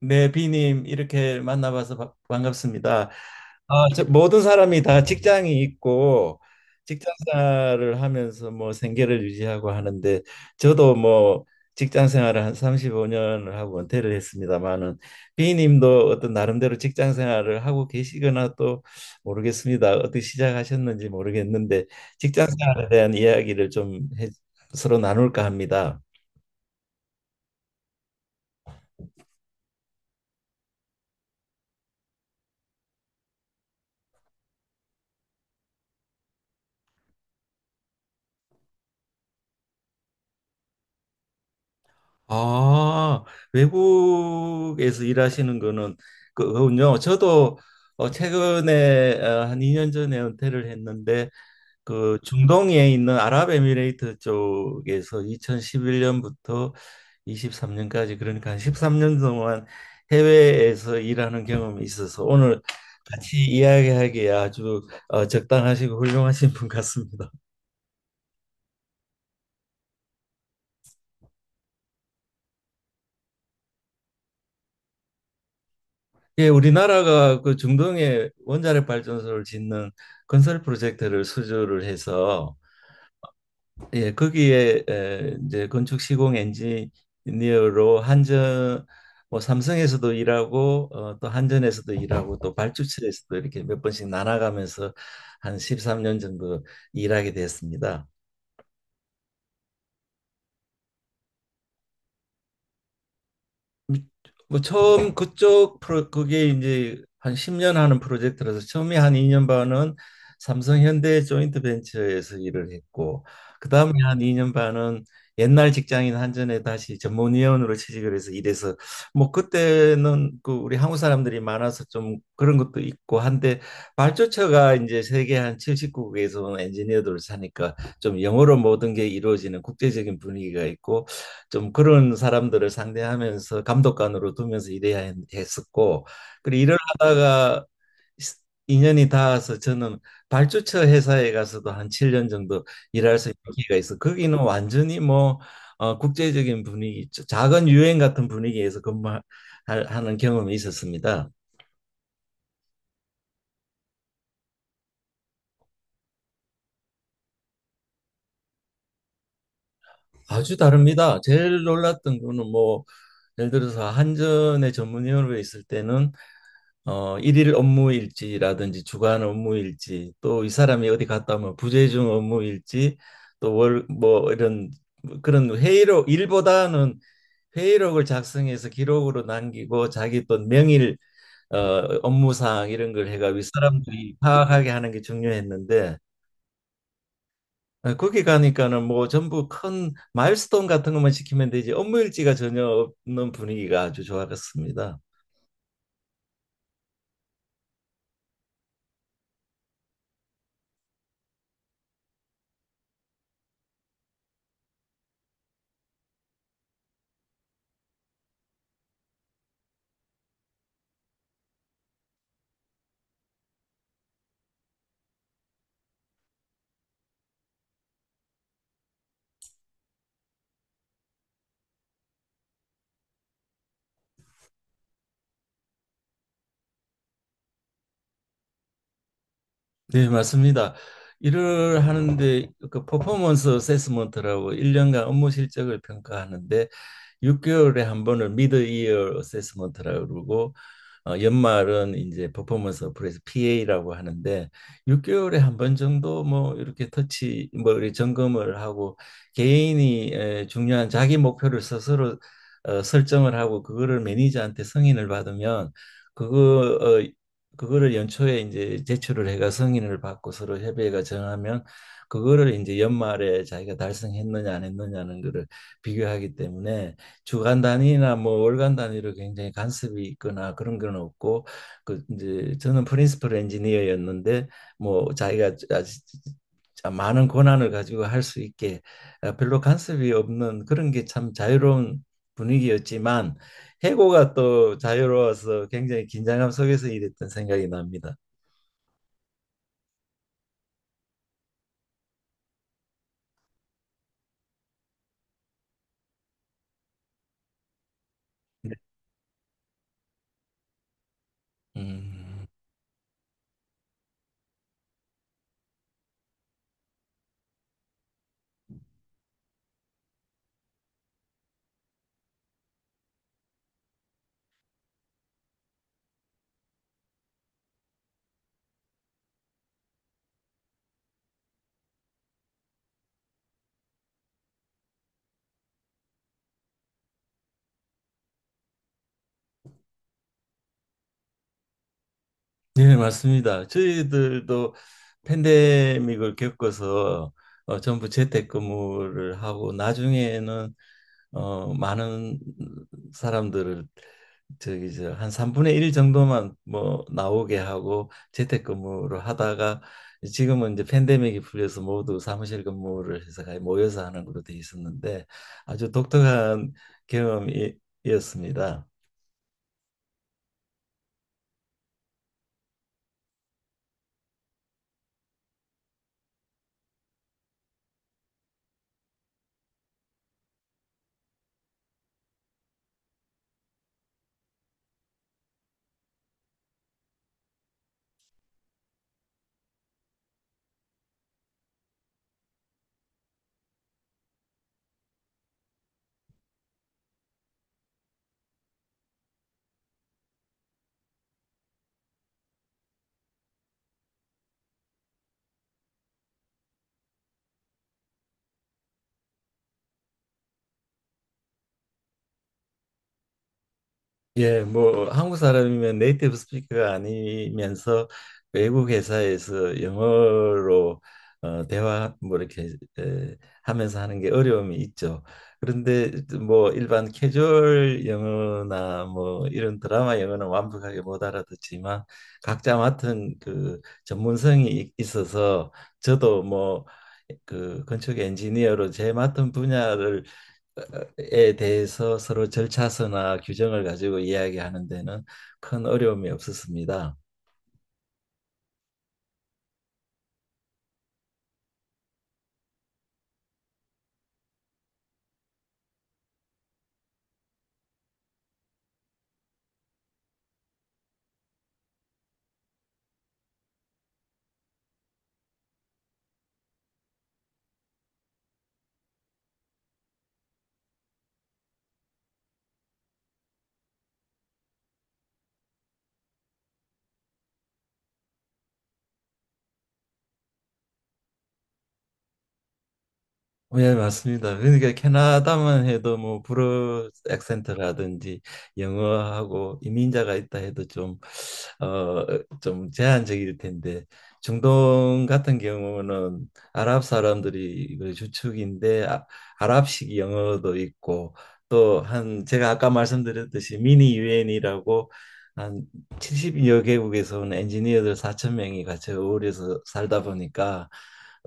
네, 비님 이렇게 만나봐서 반갑습니다. 아, 저 모든 사람이 다 직장이 있고 직장생활을 하면서 뭐 생계를 유지하고 하는데 저도 뭐 직장생활을 한 35년을 하고 은퇴를 했습니다마는, 비님도 어떤 나름대로 직장생활을 하고 계시거나 또 모르겠습니다. 어떻게 시작하셨는지 모르겠는데 직장생활에 대한 이야기를 서로 나눌까 합니다. 아, 외국에서 일하시는 거는 그군요. 저도 최근에 한 2년 전에 은퇴를 했는데, 그 중동에 있는 아랍에미레이트 쪽에서 2011년부터 23년까지, 그러니까 한 13년 동안 해외에서 일하는 경험이 있어서, 오늘 같이 이야기하기에 아주 적당하시고 훌륭하신 분 같습니다. 예, 우리나라가 그 중동에 원자력 발전소를 짓는 건설 프로젝트를 수주를 해서, 예, 거기에 이제 건축 시공 엔지니어로 한전 뭐 삼성에서도 일하고 또 한전에서도 일하고 또 발주처에서도 이렇게 몇 번씩 나눠가면서 한 13년 정도 일하게 됐습니다. 뭐 처음 그쪽 프로 그게 이제 한 10년 하는 프로젝트라서, 처음에 한 2년 반은 삼성 현대 조인트 벤처에서 일을 했고, 그다음에 한 2년 반은 옛날 직장인 한전에 다시 전문위원으로 취직을 해서 일해서, 뭐 그때는 그 우리 한국 사람들이 많아서 좀 그런 것도 있고 한데, 발주처가 이제 세계 한 70국에서 온 엔지니어들을 사니까 좀 영어로 모든 게 이루어지는 국제적인 분위기가 있고, 좀 그런 사람들을 상대하면서 감독관으로 두면서 일해야 었고, 그리고 일을 하다가 인연이 닿아서 저는 발주처 회사에 가서도 한 7년 정도 일할 수 있는 기회가 있어. 거기는 완전히 뭐 국제적인 분위기, 작은 유엔 같은 분위기에서 근무하는 경험이 있었습니다. 아주 다릅니다. 제일 놀랐던 거는 뭐 예를 들어서 한전의 전문위원으로 있을 때는 일일 업무일지라든지 주간 업무일지, 또 이 사람이 어디 갔다 오면 부재중 업무일지, 또 월 뭐 이런 그런 회의록 일보다는 회의록을 작성해서 기록으로 남기고, 자기 또 명일 어, 업무사항 이런 걸 해가 위 사람들이 파악하게 하는 게 중요했는데, 거기 가니까는 뭐 전부 큰 마일스톤 같은 것만 시키면 되지 업무일지가 전혀 없는 분위기가 아주 좋았습니다. 네, 맞습니다. 일을 하는데 그 퍼포먼스 어세스먼트라고 1년간 업무 실적을 평가하는데, 6개월에 한 번을 미드 이어 어세스먼트라고 그러고, 연말은 이제 퍼포먼스 어플에서 PA라고 하는데, 6개월에 한 번 정도 뭐 이렇게 터치 뭐 이렇게 점검을 하고, 개인이 중요한 자기 목표를 스스로 설정을 하고, 그거를 매니저한테 승인을 받으면, 그거 어, 그거를 연초에 이제 제출을 해가 승인을 받고 서로 협의회가 정하면, 그거를 이제 연말에 자기가 달성했느냐 안 했느냐는 거를 비교하기 때문에, 주간 단위나 뭐 월간 단위로 굉장히 간섭이 있거나 그런 건 없고, 그 이제 저는 프린시플 엔지니어였는데 뭐 자기가 아주 많은 권한을 가지고 할 수 있게, 아, 별로 간섭이 없는 그런 게 참 자유로운 분위기였지만, 해고가 또 자유로워서 굉장히 긴장감 속에서 일했던 생각이 납니다. 음, 네, 맞습니다. 저희들도 팬데믹을 겪어서 전부 재택근무를 하고, 나중에는 많은 사람들을 저기 저 한 3분의 1 정도만 뭐 나오게 하고 재택근무로 하다가, 지금은 이제 팬데믹이 풀려서 모두 사무실 근무를 해서 거의 모여서 하는 걸로 돼 있었는데, 아주 독특한 경험이었습니다. 예, 뭐 한국 사람이면 네이티브 스피커가 아니면서 외국 회사에서 영어로 대화 뭐 이렇게 하면서 하는 게 어려움이 있죠. 그런데 뭐 일반 캐주얼 영어나 뭐 이런 드라마 영어는 완벽하게 못 알아듣지만, 각자 맡은 그 전문성이 있어서, 저도 뭐 그 건축 엔지니어로 제 맡은 분야를 에 대해서 서로 절차서나 규정을 가지고 이야기하는 데는 큰 어려움이 없었습니다. 예, 맞습니다. 그러니까 캐나다만 해도 뭐 불어 액센트라든지 영어하고 이민자가 있다 해도 좀, 어, 좀 제한적일 텐데, 중동 같은 경우는 아랍 사람들이 그 주축인데, 아, 아랍식 영어도 있고, 또 한 제가 아까 말씀드렸듯이 미니 유엔이라고 한 70여 개국에서 온 엔지니어들 4천 명이 같이 어울려서 살다 보니까,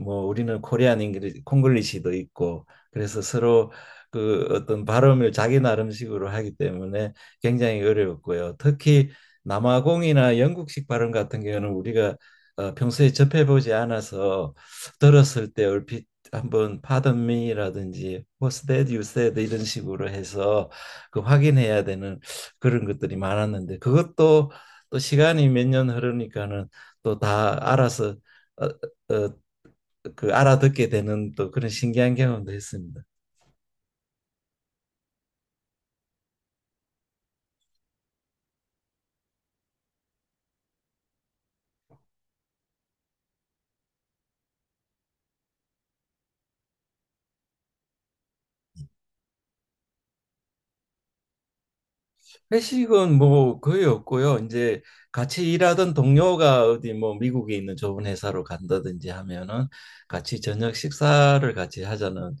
뭐 우리는 코리안 잉글리 콩글리시도 있고, 그래서 서로 그 어떤 발음을 자기 나름식으로 하기 때문에 굉장히 어려웠고요. 특히 남아공이나 영국식 발음 같은 경우는 우리가 평소에 접해보지 않아서 들었을 때, 얼핏 한번 pardon me라든지 what's that you said 이런 식으로 해서 그 확인해야 되는 그런 것들이 많았는데, 그것도 또 시간이 몇 년 흐르니까는 또 다 알아서, 어, 어, 그 알아듣게 되는 또 그런 신기한 경험도 했습니다. 회식은 뭐 거의 없고요. 이제 같이 일하던 동료가 어디 뭐 미국에 있는 좋은 회사로 간다든지 하면은 같이 저녁 식사를 같이 하자는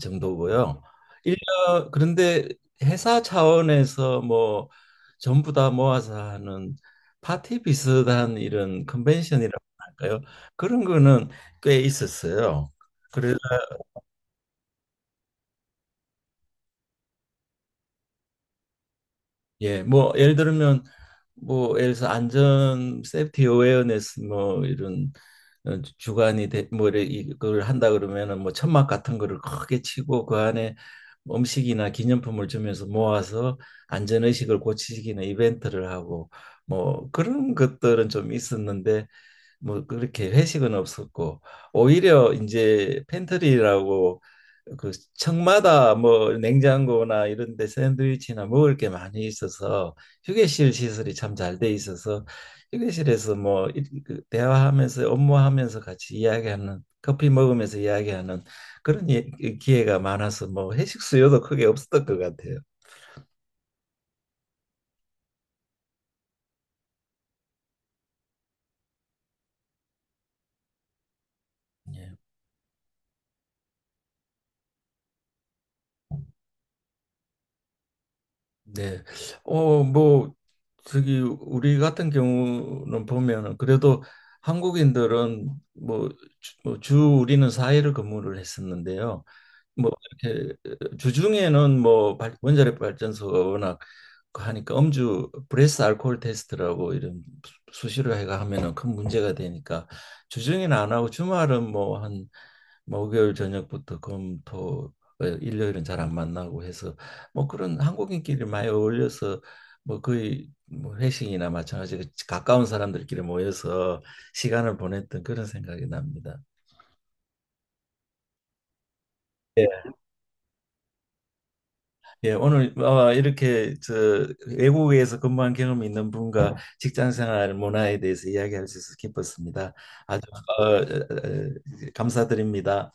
정도고요. 일년 그런데 회사 차원에서 뭐 전부 다 모아서 하는 파티 비슷한 이런 컨벤션이라고 할까요? 그런 거는 꽤 있었어요. 그래 예, 뭐 예를 들면 뭐 예를 들어서 안전 세프티 어웨어네스 뭐 이런 주관이 돼, 뭐 이래 이걸 한다 그러면은, 뭐 천막 같은 거를 크게 치고 그 안에 음식이나 기념품을 주면서 모아서 안전 의식을 고치기는 이벤트를 하고, 뭐 그런 것들은 좀 있었는데, 뭐 그렇게 회식은 없었고, 오히려 이제 팬트리라고 그 층마다 뭐 냉장고나 이런 데 샌드위치나 먹을 게 많이 있어서 휴게실 시설이 참 잘 돼 있어서, 휴게실에서 뭐 그 대화하면서 업무하면서 같이 이야기하는, 커피 먹으면서 이야기하는 그런 기회가 많아서 뭐 회식 수요도 크게 없었던 것 같아요. 예. 네. 뭐, 저기, 우리 같은 경우는 보면은, 그래도 한국인들은 뭐, 주, 뭐주 우리는 4일을 근무를 했었는데요. 뭐 이렇게 주중에는 뭐 원자력 발전소가 워낙 하니까, 음주 브레스 알코올 테스트라고 이런, 수시로 해가 하면은 큰 문제가 되니까, 주중에는 안 하고 주말은 뭐 한 목요일 저녁부터 금, 토, 일요일은 잘 안 만나고 해서, 뭐 그런 한국인끼리 많이 어울려서 뭐 거의 뭐 회식이나 마찬가지로 가까운 사람들끼리 모여서 시간을 보냈던 그런 생각이 납니다. 예, 오늘 이렇게 저 외국에서 근무한 경험이 있는 분과 직장 생활 문화에 대해서 이야기할 수 있어서 기뻤습니다. 아주 어, 어, 어, 감사드립니다.